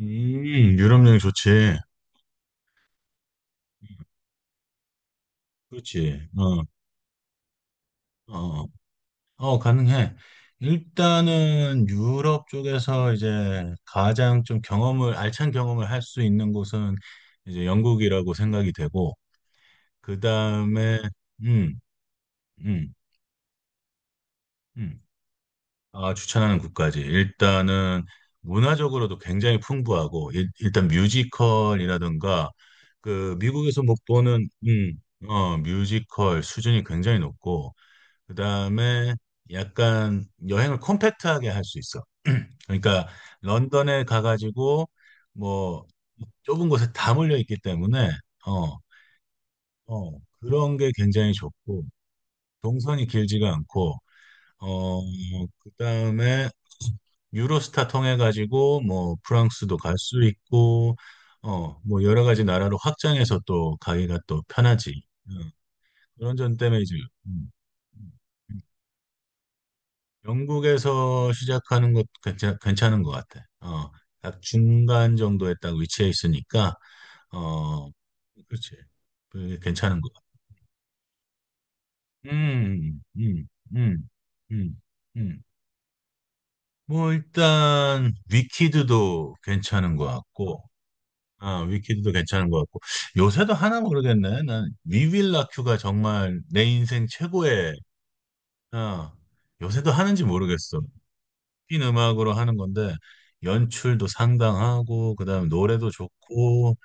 음, 유럽 여행 좋지. 그렇지. 어, 어, 가능해. 일단은 유럽 쪽에서 이제 가장 좀 알찬 경험을 할 수 있는 곳은 이제 영국이라고 생각이 되고, 그 다음에, 음, 음, 음. 아, 추천하는 국가지. 일단은 문화적으로도 굉장히 풍부하고, 일단 뮤지컬이라든가, 그 미국에서 못 보는, 어, 뮤지컬 수준이 굉장히 높고, 그다음에 약간 여행을 컴팩트하게 할 수 있어. 그러니까 런던에 가가지고 뭐 좁은 곳에 다 몰려 있기 때문에 어, 그런 게 굉장히 좋고 동선이 길지가 않고 어, 그다음에 유로스타 통해 가지고 뭐 프랑스도 갈 수 있고 어, 뭐 여러 가지 나라로 확장해서 또 가기가 또 편하지. 응. 그런 점 때문에 이제 음, 음. 영국에서 시작하는 것도 괜찮은 것 같아. 어, 딱 중간 정도에 딱 위치해 있으니까, 어, 그렇지. 그게 괜찮은 것 같아. 음, 음, 음, 음, 음. 음. 뭐, 일단, 위키드도 괜찮은 것 같고, 아, 위키드도 괜찮은 것 같고, 요새도 하나 모르겠네. 난 위윌라큐가 정말 내 인생 최고의, 아, 요새도 하는지 모르겠어. 핀 음악으로 하는 건데 연출도 상당하고 그다음에 노래도 좋고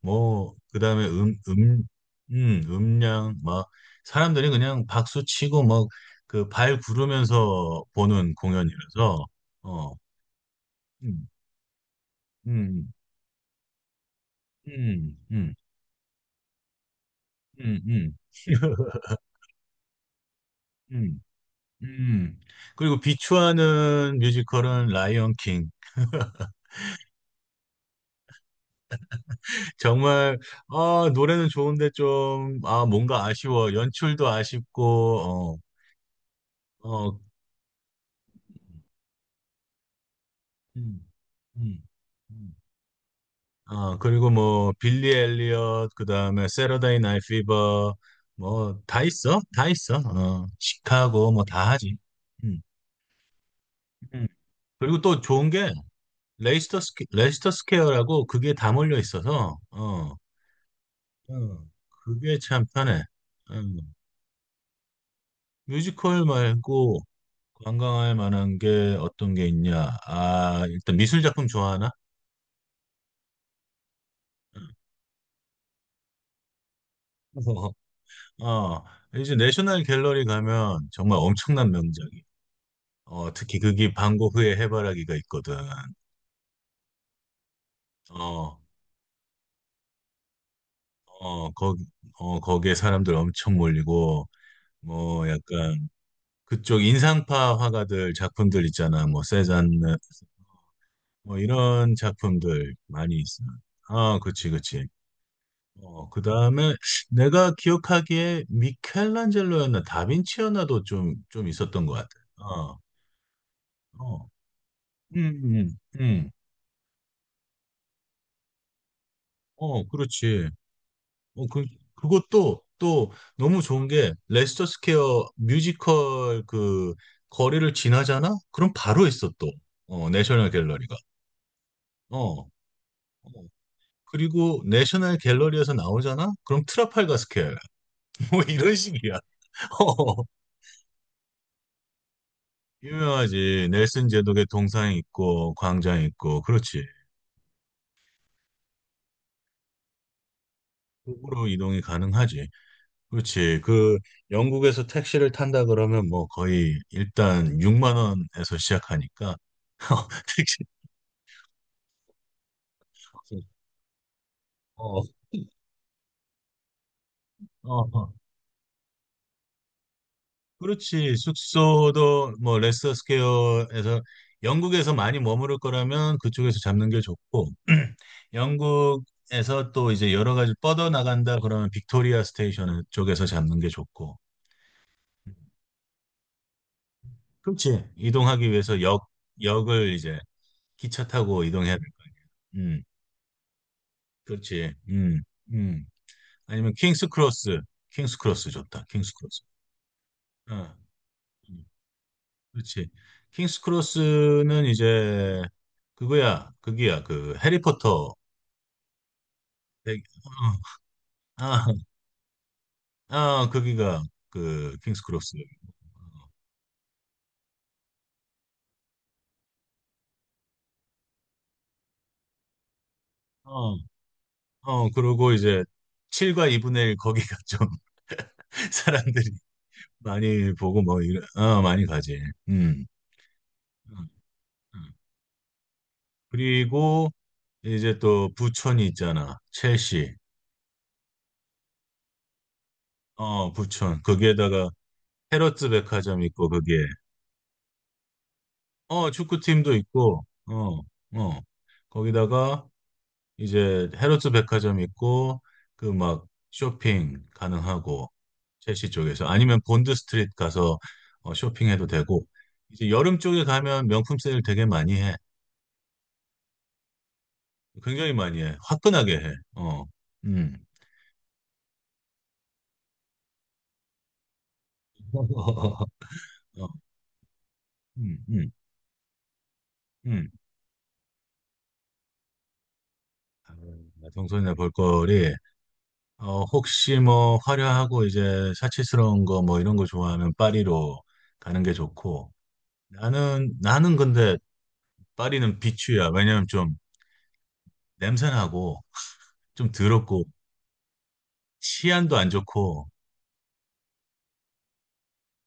뭐 그다음에 음량 막 사람들이 그냥 박수 치고 막 그 발 구르면서 보는 공연이라서 어, 음, 음, 음, 음, 음, 음. 음, 음. 그리고 비추하는 뮤지컬은 라이언 킹. 정말 아, 노래는 좋은데 좀 아, 뭔가 아쉬워. 연출도 아쉽고 어, 음, 음, 음. 아, 그리고 뭐, 빌리 엘리엇, 그 다음에 세러데이 나이 피버, 뭐, 다 있어? 다 있어. 어, 시카고, 뭐, 다 하지. 음, 음. 그리고 또 좋은 게, 레이스터 스퀘어라고 그게 다 몰려 있어서, 어, 그게 참 편해. 음. 뮤지컬 말고 관광할 만한 게 어떤 게 있냐? 아, 일단 미술 작품 좋아하나? 어, 이제 내셔널 갤러리 가면 정말 엄청난 명작이. 어, 특히 그게 방고흐의 해바라기가 있거든. 어, 어, 거기, 거기에 사람들 엄청 몰리고, 뭐, 약간, 그쪽 인상파 화가들 작품들 있잖아. 뭐, 세잔느, 뭐, 이런 작품들 많이 있어. 아, 그치, 그치. 어, 그 다음에 내가 기억하기에 미켈란젤로였나, 다빈치였나도 좀 있었던 것 같아. 어, 어, 음, 음, 음. 어, 그렇지. 어, 그, 그것도 또 너무 좋은 게 레스터 스퀘어 뮤지컬 그 거리를 지나잖아? 그럼 바로 있어 또. 어, 내셔널 갤러리가. 어. 어. 그리고 내셔널 갤러리에서 나오잖아? 그럼 트라팔가 스퀘어 뭐 이런 식이야. 어, 유명하지. 넬슨 제독의 동상 있고 광장 있고 그렇지. 북으로 이동이 가능하지. 그렇지. 그 영국에서 택시를 탄다 그러면 뭐 거의 일단 6만 원에서 시작하니까 택시 어, 어. 어. 그렇지. 숙소도 뭐 레스터 스퀘어에서 영국에서 많이 머무를 거라면 그쪽에서 잡는 게 좋고 영국에서 또 이제 여러 가지 뻗어 나간다 그러면 빅토리아 스테이션 쪽에서 잡는 게 좋고 그렇지. 이동하기 위해서 역 역을 이제 기차 타고 이동해야 될 거야. 그렇지. 음. 아니면 킹스 크로스. 킹스 크로스 좋다. 킹스 크로스. 어, 음, 그렇지. 킹스 크로스는 이제 그거야. 그기야. 그 해리포터. 백- 어, 아, 아, 거기가 그 킹스 크로스. 어, 그리고 이제 7과 2분의 1 거기가 좀 사람들이 많이 보고 뭐 이런, 어, 많이 가지. 음. 음, 음. 그리고 이제 또 부천이 있잖아. 첼시. 어, 부천. 거기에다가 헤럿즈 백화점 있고 거기에 어, 축구팀도 있고 어. 거기다가 이제 헤럿즈 백화점 있고 그 막 쇼핑 가능하고 첼시 쪽에서 아니면 본드 스트리트 가서 어, 쇼핑해도 되고 이제 여름 쪽에 가면 명품 세일 되게 많이 해. 굉장히 많이 해. 화끈하게 해. 어. 음. 어, 음, 음, 음. 아, 정선이네 볼거리. 어, 혹시 뭐 화려하고 이제 사치스러운 거 뭐 이런 거 좋아하면 파리로 가는 게 좋고. 나는 근데 파리는 비추야. 왜냐면 좀 냄새나고 좀 더럽고 치안도 안 좋고.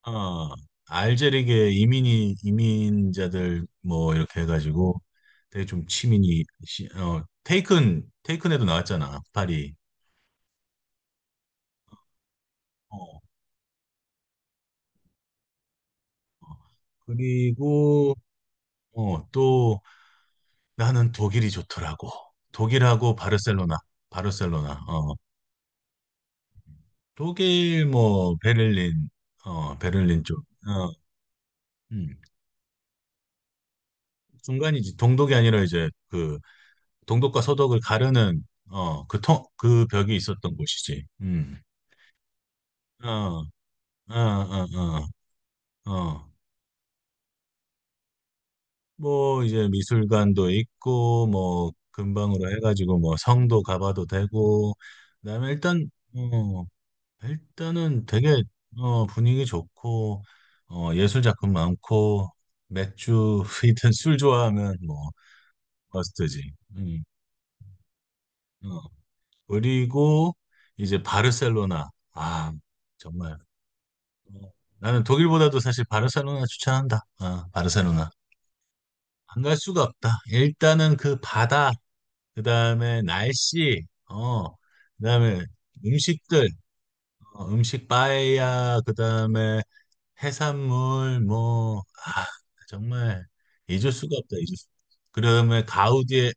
어, 알제리계 이민이 이민자들 뭐 이렇게 해가지고 되게 좀 치민이 시- 어 테이큰에도 나왔잖아 파리. 어, 어. 그리고 또 나는 독일이 좋더라고. 독일하고 바르셀로나, 바르셀로나. 어, 독일 뭐 베를린, 어, 베를린 쪽. 어, 음, 중간이지. 동독이 아니라 이제 그 동독과 서독을 가르는 그 벽이 있었던 곳이지. 어, 어, 어, 어, 어. 뭐 이제 미술관도 있고 뭐 근방으로 해가지고 뭐 성도 가봐도 되고. 그다음에 어, 일단은 되게 어, 분위기 좋고 어, 예술 작품 많고 맥주 이든 술 좋아하면 뭐 버스트지. 어. 그리고 이제 바르셀로나. 아 정말 어, 나는 독일보다도 사실 바르셀로나 추천한다. 아, 바르셀로나 안 갈 수가 없다. 일단은 그 바다, 그 다음에 날씨, 어, 그 다음에 음식들. 어, 음식 빠에야 그다음에 해산물 뭐 아, 정말 잊을 수가 없다 잊을 수. 그다음에 가우디의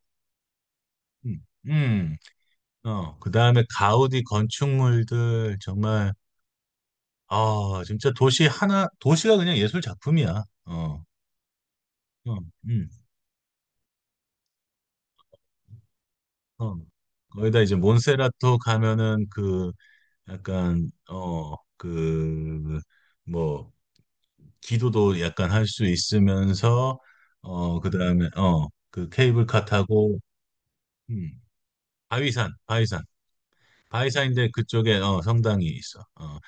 음, 음, 어 그다음에 가우디 건축물들 정말 아 진짜 도시 하나 도시가 그냥 예술 작품이야. 어, 어, 음, 어. 거기다 이제 몬세라토 가면은 그 약간 어그뭐 기도도 약간 할 수 있으면서 어 그다음에 어 그 케이블카 타고 음, 바위산 바위산 바위산인데 그쪽에 어 성당이 있어 어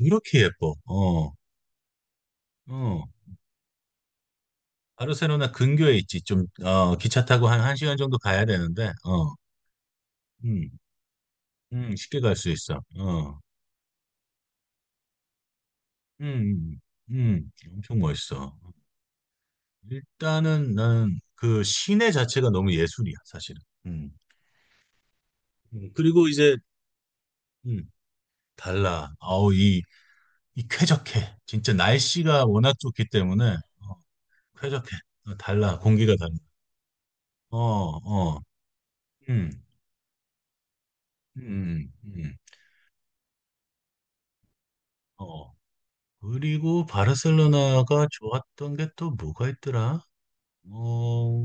그렇게 예뻐 어어 바르셀로나 근교에 있지 좀 어 기차 타고 한 1시간 정도 가야 되는데 어 음, 쉽게 갈 수 있어 어 음, 엄청 멋있어 일단은 나는 그 시내 자체가 너무 예술이야 사실은 음. 그리고 이제 음, 달라. 아우, 이 쾌적해. 진짜 날씨가 워낙 좋기 때문에, 어, 쾌적해. 어, 달라. 공기가 달라. 어, 어, 음, 음, 음, 어. 그리고 바르셀로나가 좋았던 게 또 뭐가 있더라? 어,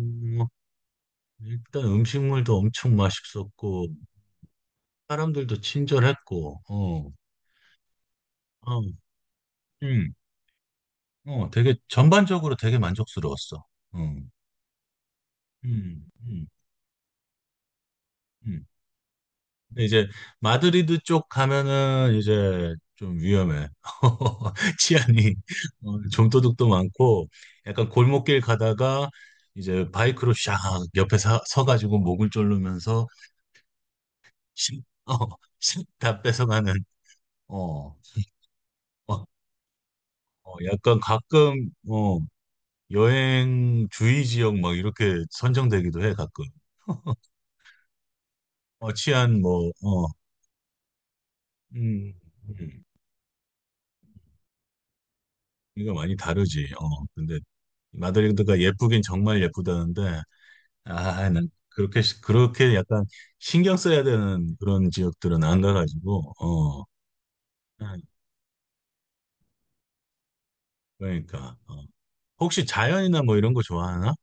일단 음식물도 엄청 맛있었고, 사람들도 친절했고, 어, 음, 되게 전반적으로 되게 만족스러웠어. 음, 음, 음, 음. 근데 이제 마드리드 쪽 가면은 이제 좀 위험해. 치안이 어, 좀도둑도 많고 약간 골목길 가다가 이제 바이크로 샥 옆에 서가지고 목을 졸르면서 씩, 어, 씩다 뺏어가는 어, 어, 어, 약간 가끔 어, 여행 주의 지역 막 이렇게 선정되기도 해 가끔. 어, 치안 뭐 음, 음. 이거 많이 다르지. 어, 근데 마드리드가 예쁘긴 정말 예쁘다는데, 아, 난 그렇게 약간 신경 써야 되는 그런 지역들은 안 가가지고, 음, 그러니까 어. 혹시 자연이나 뭐 이런 거 좋아하나?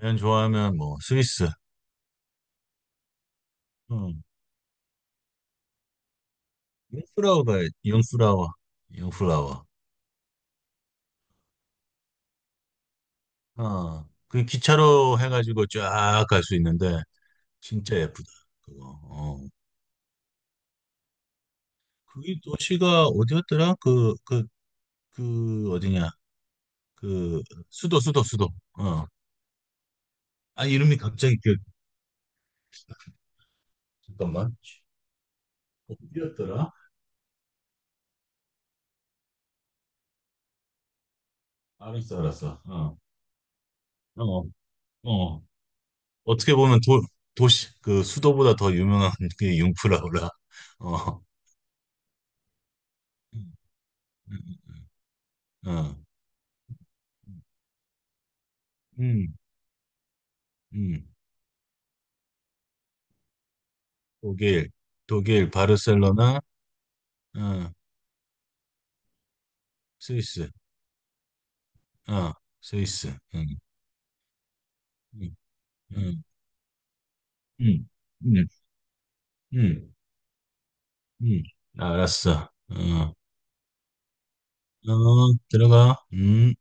자연 좋아하면 뭐 스위스, 응. 융프라우가 융프라워, 융프라워, 어, 그 기차로 해가지고 쫙 갈 수 있는데 진짜 예쁘다 그거. 어, 그게 도시가 어디였더라? 그 어디냐? 그 수도 어 아 이름이 갑자기 기억 잠깐만 어디였더라 알았어 알았어 어 어 어 어. 떻게 보면 도 도시 그 수도보다 더 유명한 게 융프라우라 어어음음 음, 음. 독일 독일 바르셀로나 어 스위스 어 스위스 음음음음음음 알았어 어 어, 들어가